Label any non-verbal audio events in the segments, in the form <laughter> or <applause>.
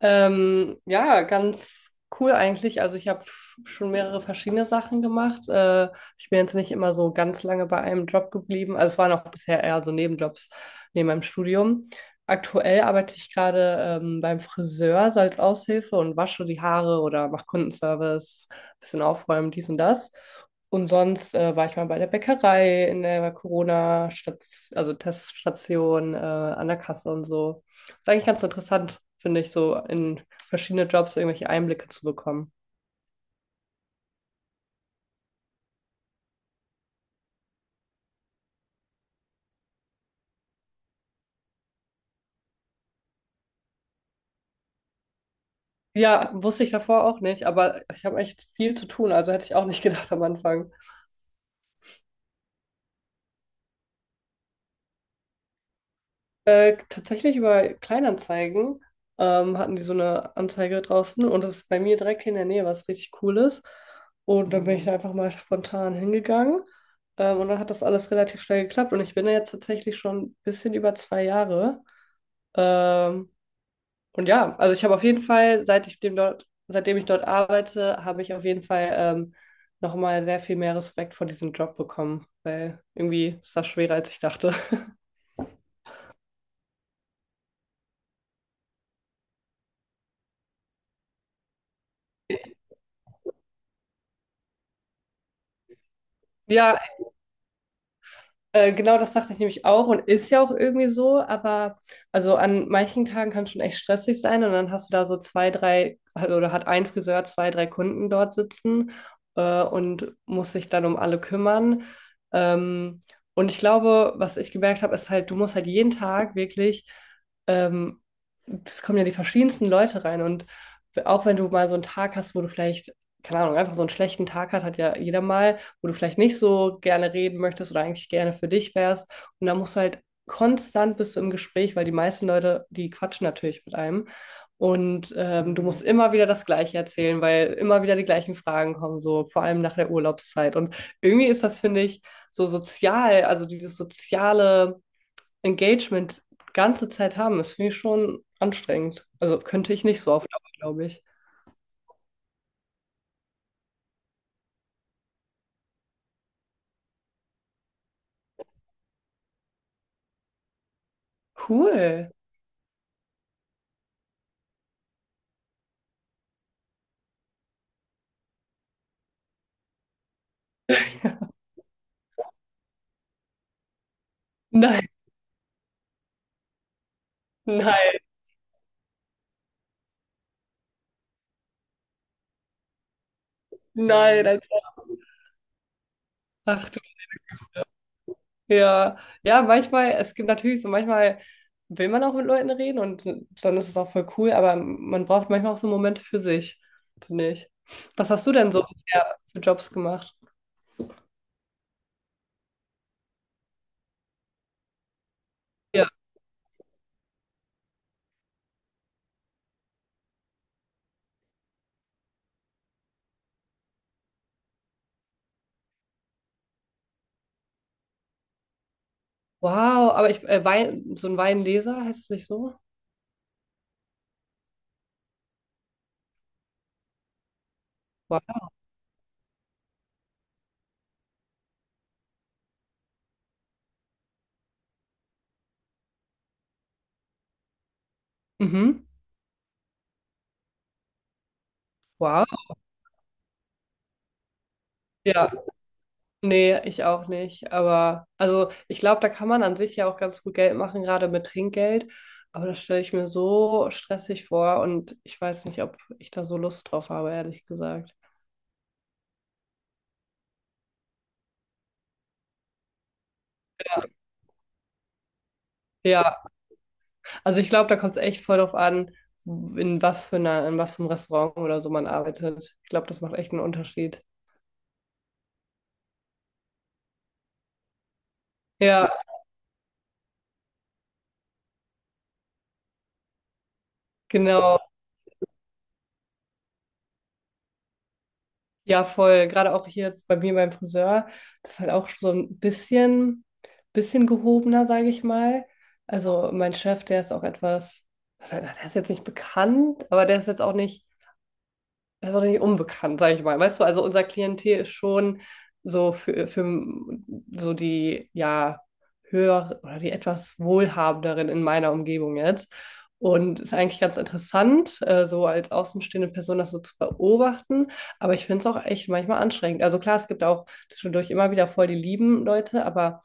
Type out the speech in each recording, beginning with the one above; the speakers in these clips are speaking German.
Ja, ganz cool eigentlich. Also ich habe schon mehrere verschiedene Sachen gemacht. Ich bin jetzt nicht immer so ganz lange bei einem Job geblieben. Also es waren auch bisher eher so Nebenjobs neben meinem Studium. Aktuell arbeite ich gerade beim Friseur, so als Aushilfe und wasche die Haare oder mache Kundenservice, bisschen aufräumen, dies und das. Und sonst war ich mal bei der Bäckerei in der Corona-Station, also Teststation, an der Kasse, und so ist eigentlich ganz interessant, finde ich, so in verschiedene Jobs so irgendwelche Einblicke zu bekommen. Ja, wusste ich davor auch nicht, aber ich habe echt viel zu tun, also hätte ich auch nicht <laughs> gedacht am Anfang. Tatsächlich über Kleinanzeigen hatten die so eine Anzeige draußen, und das ist bei mir direkt hier in der Nähe, was richtig cool ist. Und dann bin ich einfach mal spontan hingegangen, und dann hat das alles relativ schnell geklappt, und ich bin da jetzt tatsächlich schon ein bisschen über 2 Jahre. Ähm, Und ja, also ich habe auf jeden Fall, seitdem ich dort arbeite, habe ich auf jeden Fall nochmal sehr viel mehr Respekt vor diesem Job bekommen, weil irgendwie ist das schwerer, als ich dachte. <laughs> Ja. Genau, das dachte ich nämlich auch, und ist ja auch irgendwie so, aber also an manchen Tagen kann es schon echt stressig sein, und dann hast du da so oder hat ein Friseur zwei, drei Kunden dort sitzen und muss sich dann um alle kümmern. Ähm, und ich glaube, was ich gemerkt habe, ist halt, du musst halt jeden Tag wirklich. Ähm, es kommen ja die verschiedensten Leute rein. Und auch wenn du mal so einen Tag hast, wo du vielleicht, keine Ahnung, einfach so einen schlechten Tag hat, hat ja jeder mal, wo du vielleicht nicht so gerne reden möchtest oder eigentlich gerne für dich wärst. Und da musst du halt konstant bist du im Gespräch, weil die meisten Leute, die quatschen natürlich mit einem. Und du musst immer wieder das Gleiche erzählen, weil immer wieder die gleichen Fragen kommen, so vor allem nach der Urlaubszeit. Und irgendwie ist das, finde ich, so sozial, also dieses soziale Engagement ganze Zeit haben, ist für mich schon anstrengend. Also könnte ich nicht so auf Dauer, glaube ich. Cool. <laughs> Nein, nein, nein. als Ach du, ja. Ja, manchmal, es gibt natürlich so, manchmal will man auch mit Leuten reden, und dann ist es auch voll cool, aber man braucht manchmal auch so Momente für sich, finde ich. Was hast du denn so bisher für Jobs gemacht? Ja. Wow, aber Wein, so ein Weinleser heißt es nicht so? Wow. Mhm. Wow. Ja. Nee, ich auch nicht. Aber also ich glaube, da kann man an sich ja auch ganz gut Geld machen, gerade mit Trinkgeld. Aber das stelle ich mir so stressig vor, und ich weiß nicht, ob ich da so Lust drauf habe, ehrlich gesagt. Ja, also ich glaube, da kommt es echt voll drauf an, in was für einem Restaurant oder so man arbeitet. Ich glaube, das macht echt einen Unterschied. Ja, genau. Ja, voll. Gerade auch hier jetzt bei mir beim Friseur, das ist halt auch so ein bisschen, gehobener, sage ich mal. Also mein Chef, der ist auch etwas, der ist jetzt nicht bekannt, aber der ist jetzt auch nicht, das ist auch nicht unbekannt, sage ich mal. Weißt du, also unser Klientel ist schon so für so die, ja, höher oder die etwas wohlhabenderen in meiner Umgebung jetzt. Und ist eigentlich ganz interessant, so als außenstehende Person das so zu beobachten. Aber ich finde es auch echt manchmal anstrengend. Also klar, es gibt auch zwischendurch immer wieder voll die lieben Leute, aber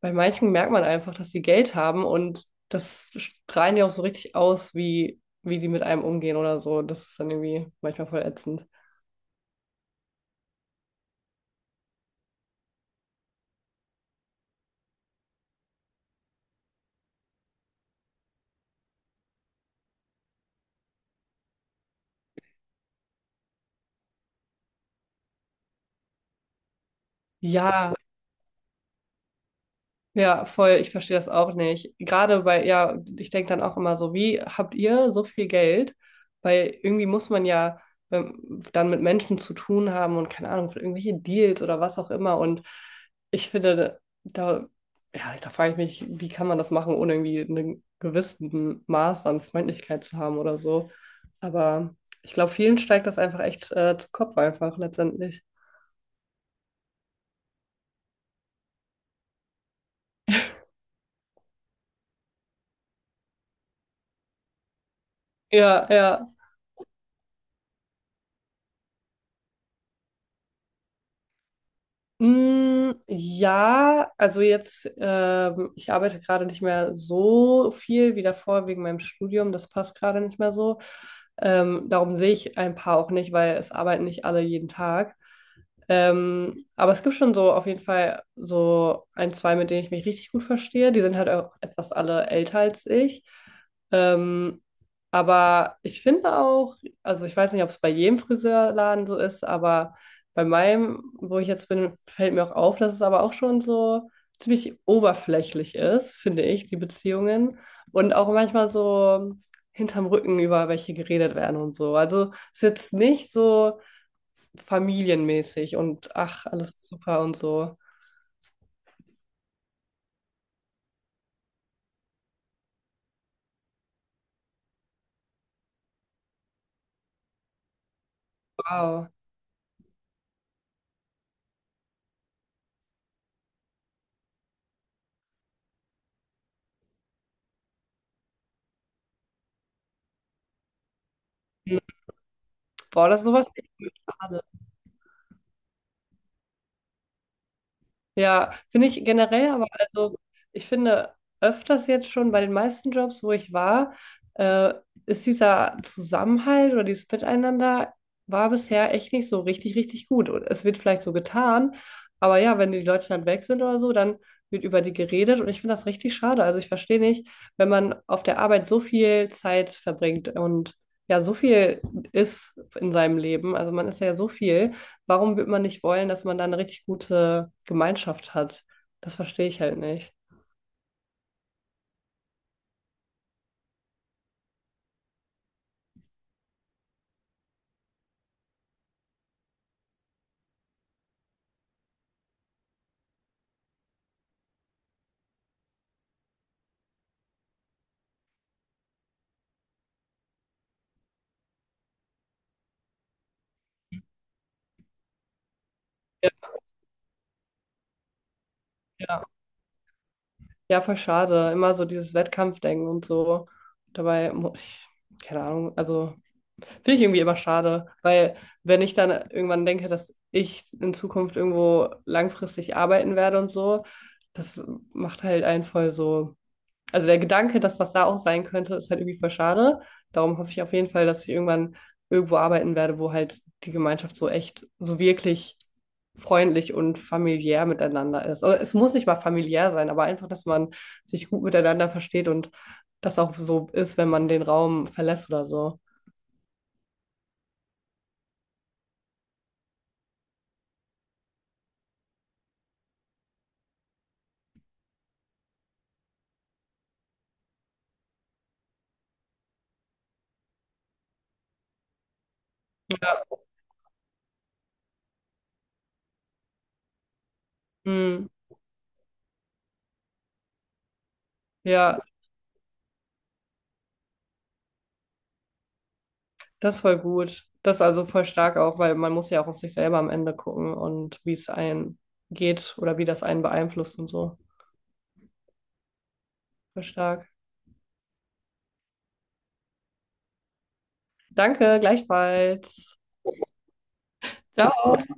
bei manchen merkt man einfach, dass sie Geld haben, und das strahlen ja auch so richtig aus, wie die mit einem umgehen oder so. Das ist dann irgendwie manchmal voll ätzend. Ja, ja, voll. Ich verstehe das auch nicht. Gerade bei, ja, ich denke dann auch immer so, wie habt ihr so viel Geld? Weil irgendwie muss man ja dann mit Menschen zu tun haben, und keine Ahnung, für irgendwelche Deals oder was auch immer. Und ich finde, da, ja, da frage ich mich, wie kann man das machen, ohne irgendwie einen gewissen Maß an Freundlichkeit zu haben oder so. Aber ich glaube, vielen steigt das einfach echt zu Kopf einfach letztendlich. Ja, ja. Mm, ja, also jetzt, ich arbeite gerade nicht mehr so viel wie davor wegen meinem Studium. Das passt gerade nicht mehr so. Darum sehe ich ein paar auch nicht, weil es arbeiten nicht alle jeden Tag. Aber es gibt schon so auf jeden Fall so ein, zwei, mit denen ich mich richtig gut verstehe. Die sind halt auch etwas alle älter als ich. Ähm, aber ich finde auch, also ich weiß nicht, ob es bei jedem Friseurladen so ist, aber bei meinem, wo ich jetzt bin, fällt mir auch auf, dass es aber auch schon so ziemlich oberflächlich ist, finde ich, die Beziehungen. Und auch manchmal so hinterm Rücken über welche geredet werden und so. Also es ist jetzt nicht so familienmäßig und ach, alles ist super und so. Wow. Hm. Boah, das ist sowas. Ja, finde ich generell, aber also ich finde öfters jetzt schon bei den meisten Jobs, wo ich war, äh, ist dieser Zusammenhalt oder dieses Miteinander war bisher echt nicht so richtig, richtig gut. Und es wird vielleicht so getan, aber ja, wenn die Leute dann weg sind oder so, dann wird über die geredet, und ich finde das richtig schade. Also ich verstehe nicht, wenn man auf der Arbeit so viel Zeit verbringt und ja, so viel ist in seinem Leben, also man ist ja so viel, warum wird man nicht wollen, dass man da eine richtig gute Gemeinschaft hat? Das verstehe ich halt nicht. Ja, ja. Ja, voll schade. Immer so dieses Wettkampfdenken und so. Dabei, ich, keine Ahnung, also finde ich irgendwie immer schade, weil wenn ich dann irgendwann denke, dass ich in Zukunft irgendwo langfristig arbeiten werde und so, das macht halt einen voll so, also der Gedanke, dass das da auch sein könnte, ist halt irgendwie voll schade. Darum hoffe ich auf jeden Fall, dass ich irgendwann irgendwo arbeiten werde, wo halt die Gemeinschaft so echt, so wirklich freundlich und familiär miteinander ist. Oder es muss nicht mal familiär sein, aber einfach, dass man sich gut miteinander versteht, und das auch so ist, wenn man den Raum verlässt oder so. Hm, ja, das ist voll gut. Das ist also voll stark auch, weil man muss ja auch auf sich selber am Ende gucken, und wie es einen geht oder wie das einen beeinflusst und so. Voll stark. Danke, gleichfalls. Ciao.